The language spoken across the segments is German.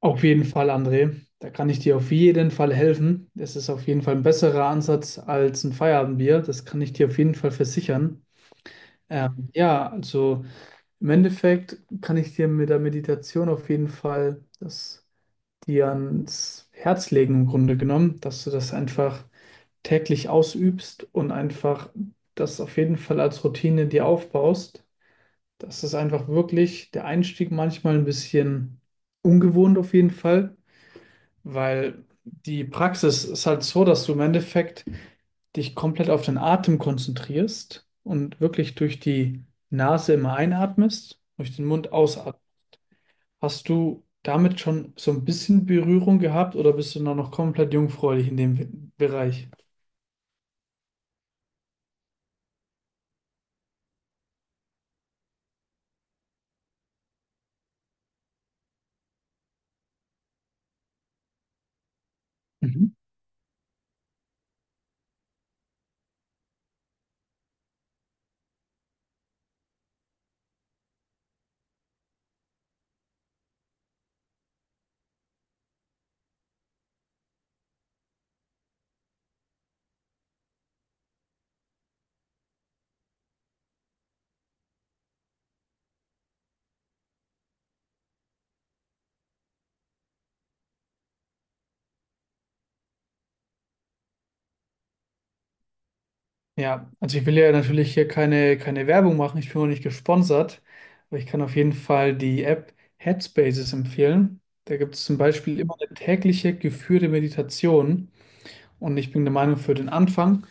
Auf jeden Fall, André. Da kann ich dir auf jeden Fall helfen. Das ist auf jeden Fall ein besserer Ansatz als ein Feierabendbier. Das kann ich dir auf jeden Fall versichern. Ja, also im Endeffekt kann ich dir mit der Meditation auf jeden Fall das dir ans Herz legen, im Grunde genommen, dass du das einfach täglich ausübst und einfach das auf jeden Fall als Routine dir aufbaust. Das ist einfach wirklich der Einstieg manchmal ein bisschen ungewohnt auf jeden Fall, weil die Praxis ist halt so, dass du im Endeffekt dich komplett auf den Atem konzentrierst und wirklich durch die Nase immer einatmest, durch den Mund ausatmest. Hast du damit schon so ein bisschen Berührung gehabt oder bist du noch komplett jungfräulich in dem Bereich? Mhm. Ja, also ich will ja natürlich hier keine Werbung machen, ich bin auch nicht gesponsert, aber ich kann auf jeden Fall die App Headspaces empfehlen. Da gibt es zum Beispiel immer eine tägliche geführte Meditation. Und ich bin der Meinung, für den Anfang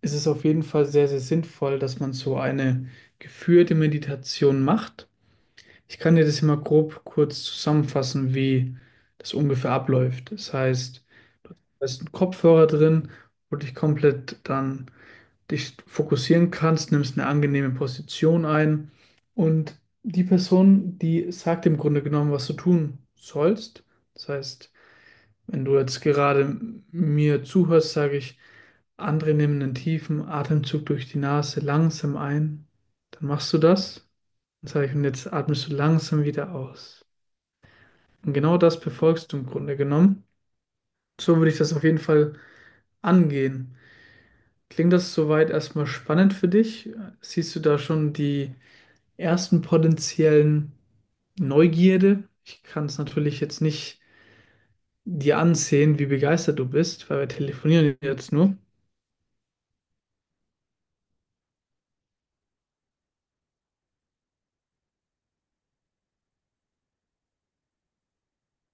ist es auf jeden Fall sehr, sehr sinnvoll, dass man so eine geführte Meditation macht. Ich kann dir das immer grob kurz zusammenfassen, wie das ungefähr abläuft. Das heißt, da ist ein Kopfhörer drin, wo du dich komplett dann dich fokussieren kannst, nimmst eine angenehme Position ein und die Person, die sagt im Grunde genommen, was du tun sollst. Das heißt, wenn du jetzt gerade mir zuhörst, sage ich, andere nehmen einen tiefen Atemzug durch die Nase langsam ein. Dann machst du das. Und jetzt atmest du langsam wieder aus. Und genau das befolgst du im Grunde genommen. So würde ich das auf jeden Fall angehen. Klingt das soweit erstmal spannend für dich? Siehst du da schon die ersten potenziellen Neugierde? Ich kann es natürlich jetzt nicht dir ansehen, wie begeistert du bist, weil wir telefonieren jetzt nur.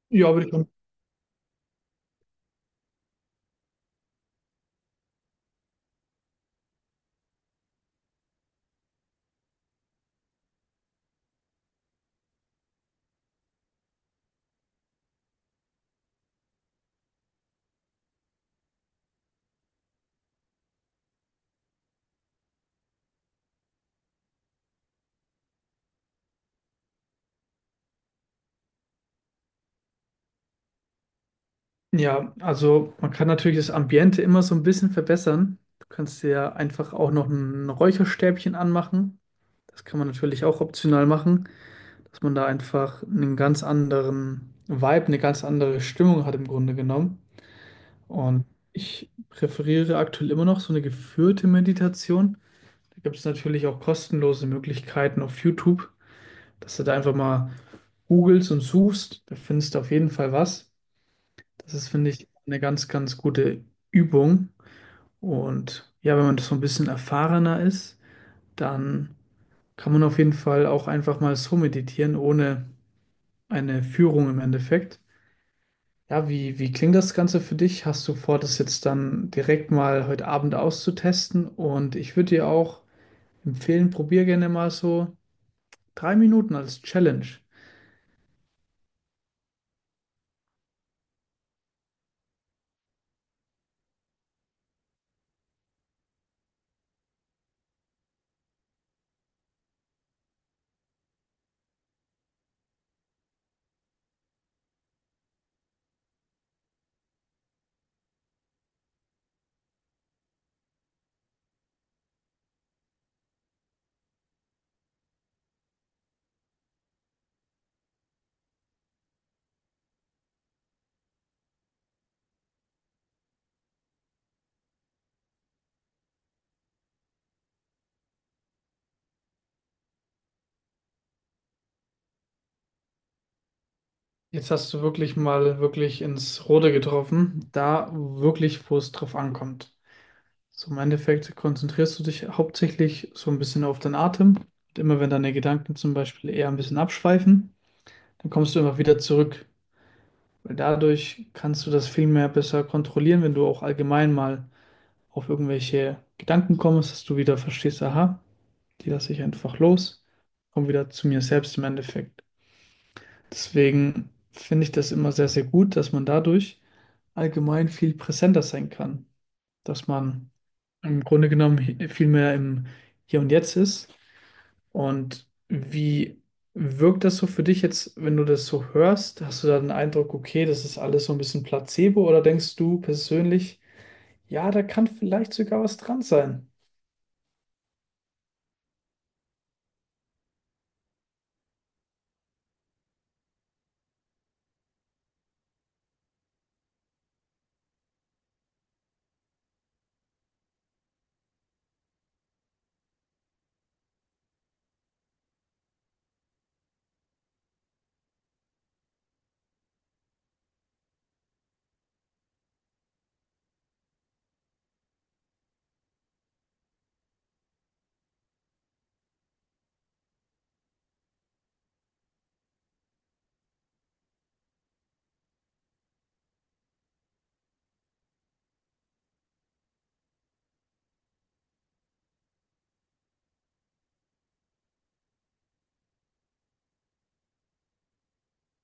Ja, würde ich mal. Ja, also man kann natürlich das Ambiente immer so ein bisschen verbessern. Du kannst dir ja einfach auch noch ein Räucherstäbchen anmachen. Das kann man natürlich auch optional machen, dass man da einfach einen ganz anderen Vibe, eine ganz andere Stimmung hat im Grunde genommen. Und ich präferiere aktuell immer noch so eine geführte Meditation. Da gibt es natürlich auch kostenlose Möglichkeiten auf YouTube, dass du da einfach mal googelst und suchst. Da findest du auf jeden Fall was. Das ist, finde ich, eine ganz gute Übung. Und ja, wenn man so ein bisschen erfahrener ist, dann kann man auf jeden Fall auch einfach mal so meditieren, ohne eine Führung im Endeffekt. Ja, wie klingt das Ganze für dich? Hast du vor, das jetzt dann direkt mal heute Abend auszutesten? Und ich würde dir auch empfehlen, probier gerne mal so 3 Minuten als Challenge. Jetzt hast du wirklich ins Rote getroffen, da wirklich, wo es drauf ankommt. So im Endeffekt konzentrierst du dich hauptsächlich so ein bisschen auf deinen Atem. Und immer wenn deine Gedanken zum Beispiel eher ein bisschen abschweifen, dann kommst du immer wieder zurück. Weil dadurch kannst du das viel mehr besser kontrollieren, wenn du auch allgemein mal auf irgendwelche Gedanken kommst, dass du wieder verstehst, aha, die lasse ich einfach los, komm wieder zu mir selbst im Endeffekt. Deswegen finde ich das immer sehr, sehr gut, dass man dadurch allgemein viel präsenter sein kann. Dass man im Grunde genommen viel mehr im Hier und Jetzt ist. Und wie wirkt das so für dich jetzt, wenn du das so hörst? Hast du da den Eindruck, okay, das ist alles so ein bisschen Placebo? Oder denkst du persönlich, ja, da kann vielleicht sogar was dran sein?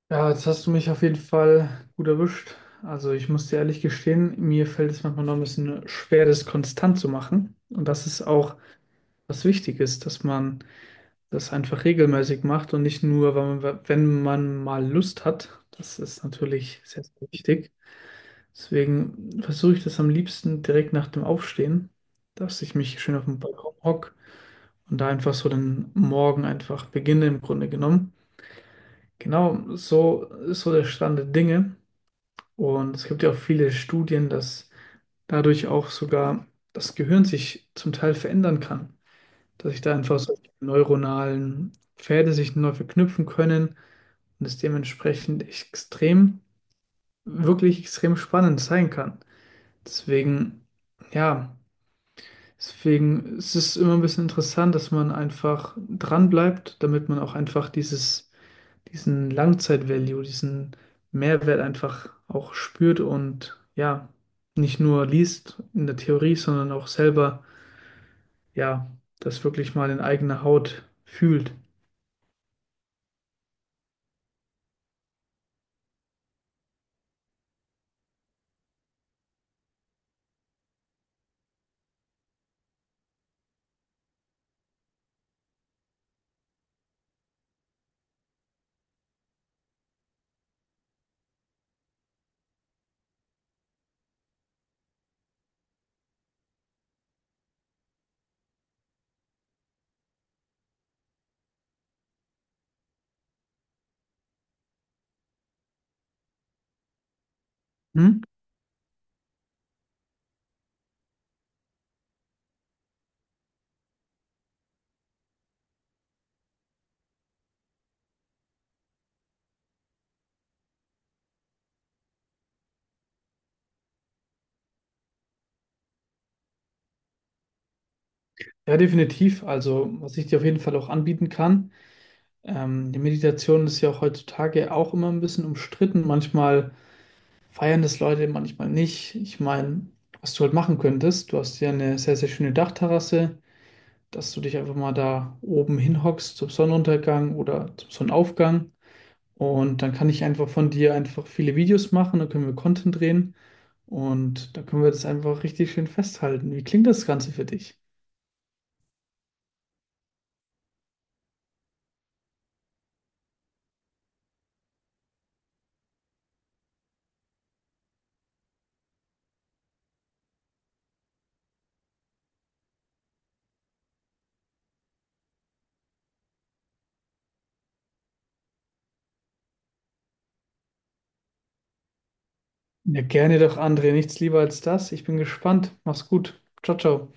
Ja, jetzt hast du mich auf jeden Fall gut erwischt. Also ich muss dir ehrlich gestehen, mir fällt es manchmal noch ein bisschen schwer, das konstant zu machen. Und das ist auch was wichtig ist, dass man das einfach regelmäßig macht und nicht nur, wenn man mal Lust hat. Das ist natürlich sehr, sehr wichtig. Deswegen versuche ich das am liebsten direkt nach dem Aufstehen, dass ich mich schön auf den Balkon hocke und da einfach so den Morgen einfach beginne im Grunde genommen. Genau so ist so der Stand der Dinge. Und es gibt ja auch viele Studien, dass dadurch auch sogar das Gehirn sich zum Teil verändern kann. Dass sich da einfach solche neuronalen Pfade sich neu verknüpfen können und es dementsprechend wirklich extrem spannend sein kann. Deswegen, ja, deswegen ist es immer ein bisschen interessant, dass man einfach dran bleibt, damit man auch einfach dieses diesen Langzeit-Value, diesen Mehrwert einfach auch spürt und ja, nicht nur liest in der Theorie, sondern auch selber, ja, das wirklich mal in eigener Haut fühlt. Hm? Ja, definitiv. Also, was ich dir auf jeden Fall auch anbieten kann, die Meditation ist ja auch heutzutage auch immer ein bisschen umstritten. Manchmal feiern das Leute, manchmal nicht. Ich meine, was du halt machen könntest, du hast ja eine sehr, sehr schöne Dachterrasse, dass du dich einfach mal da oben hinhockst zum Sonnenuntergang oder zum Sonnenaufgang. Und dann kann ich einfach von dir einfach viele Videos machen, dann können wir Content drehen und da können wir das einfach richtig schön festhalten. Wie klingt das Ganze für dich? Ja, gerne doch, André. Nichts lieber als das. Ich bin gespannt. Mach's gut. Ciao, ciao.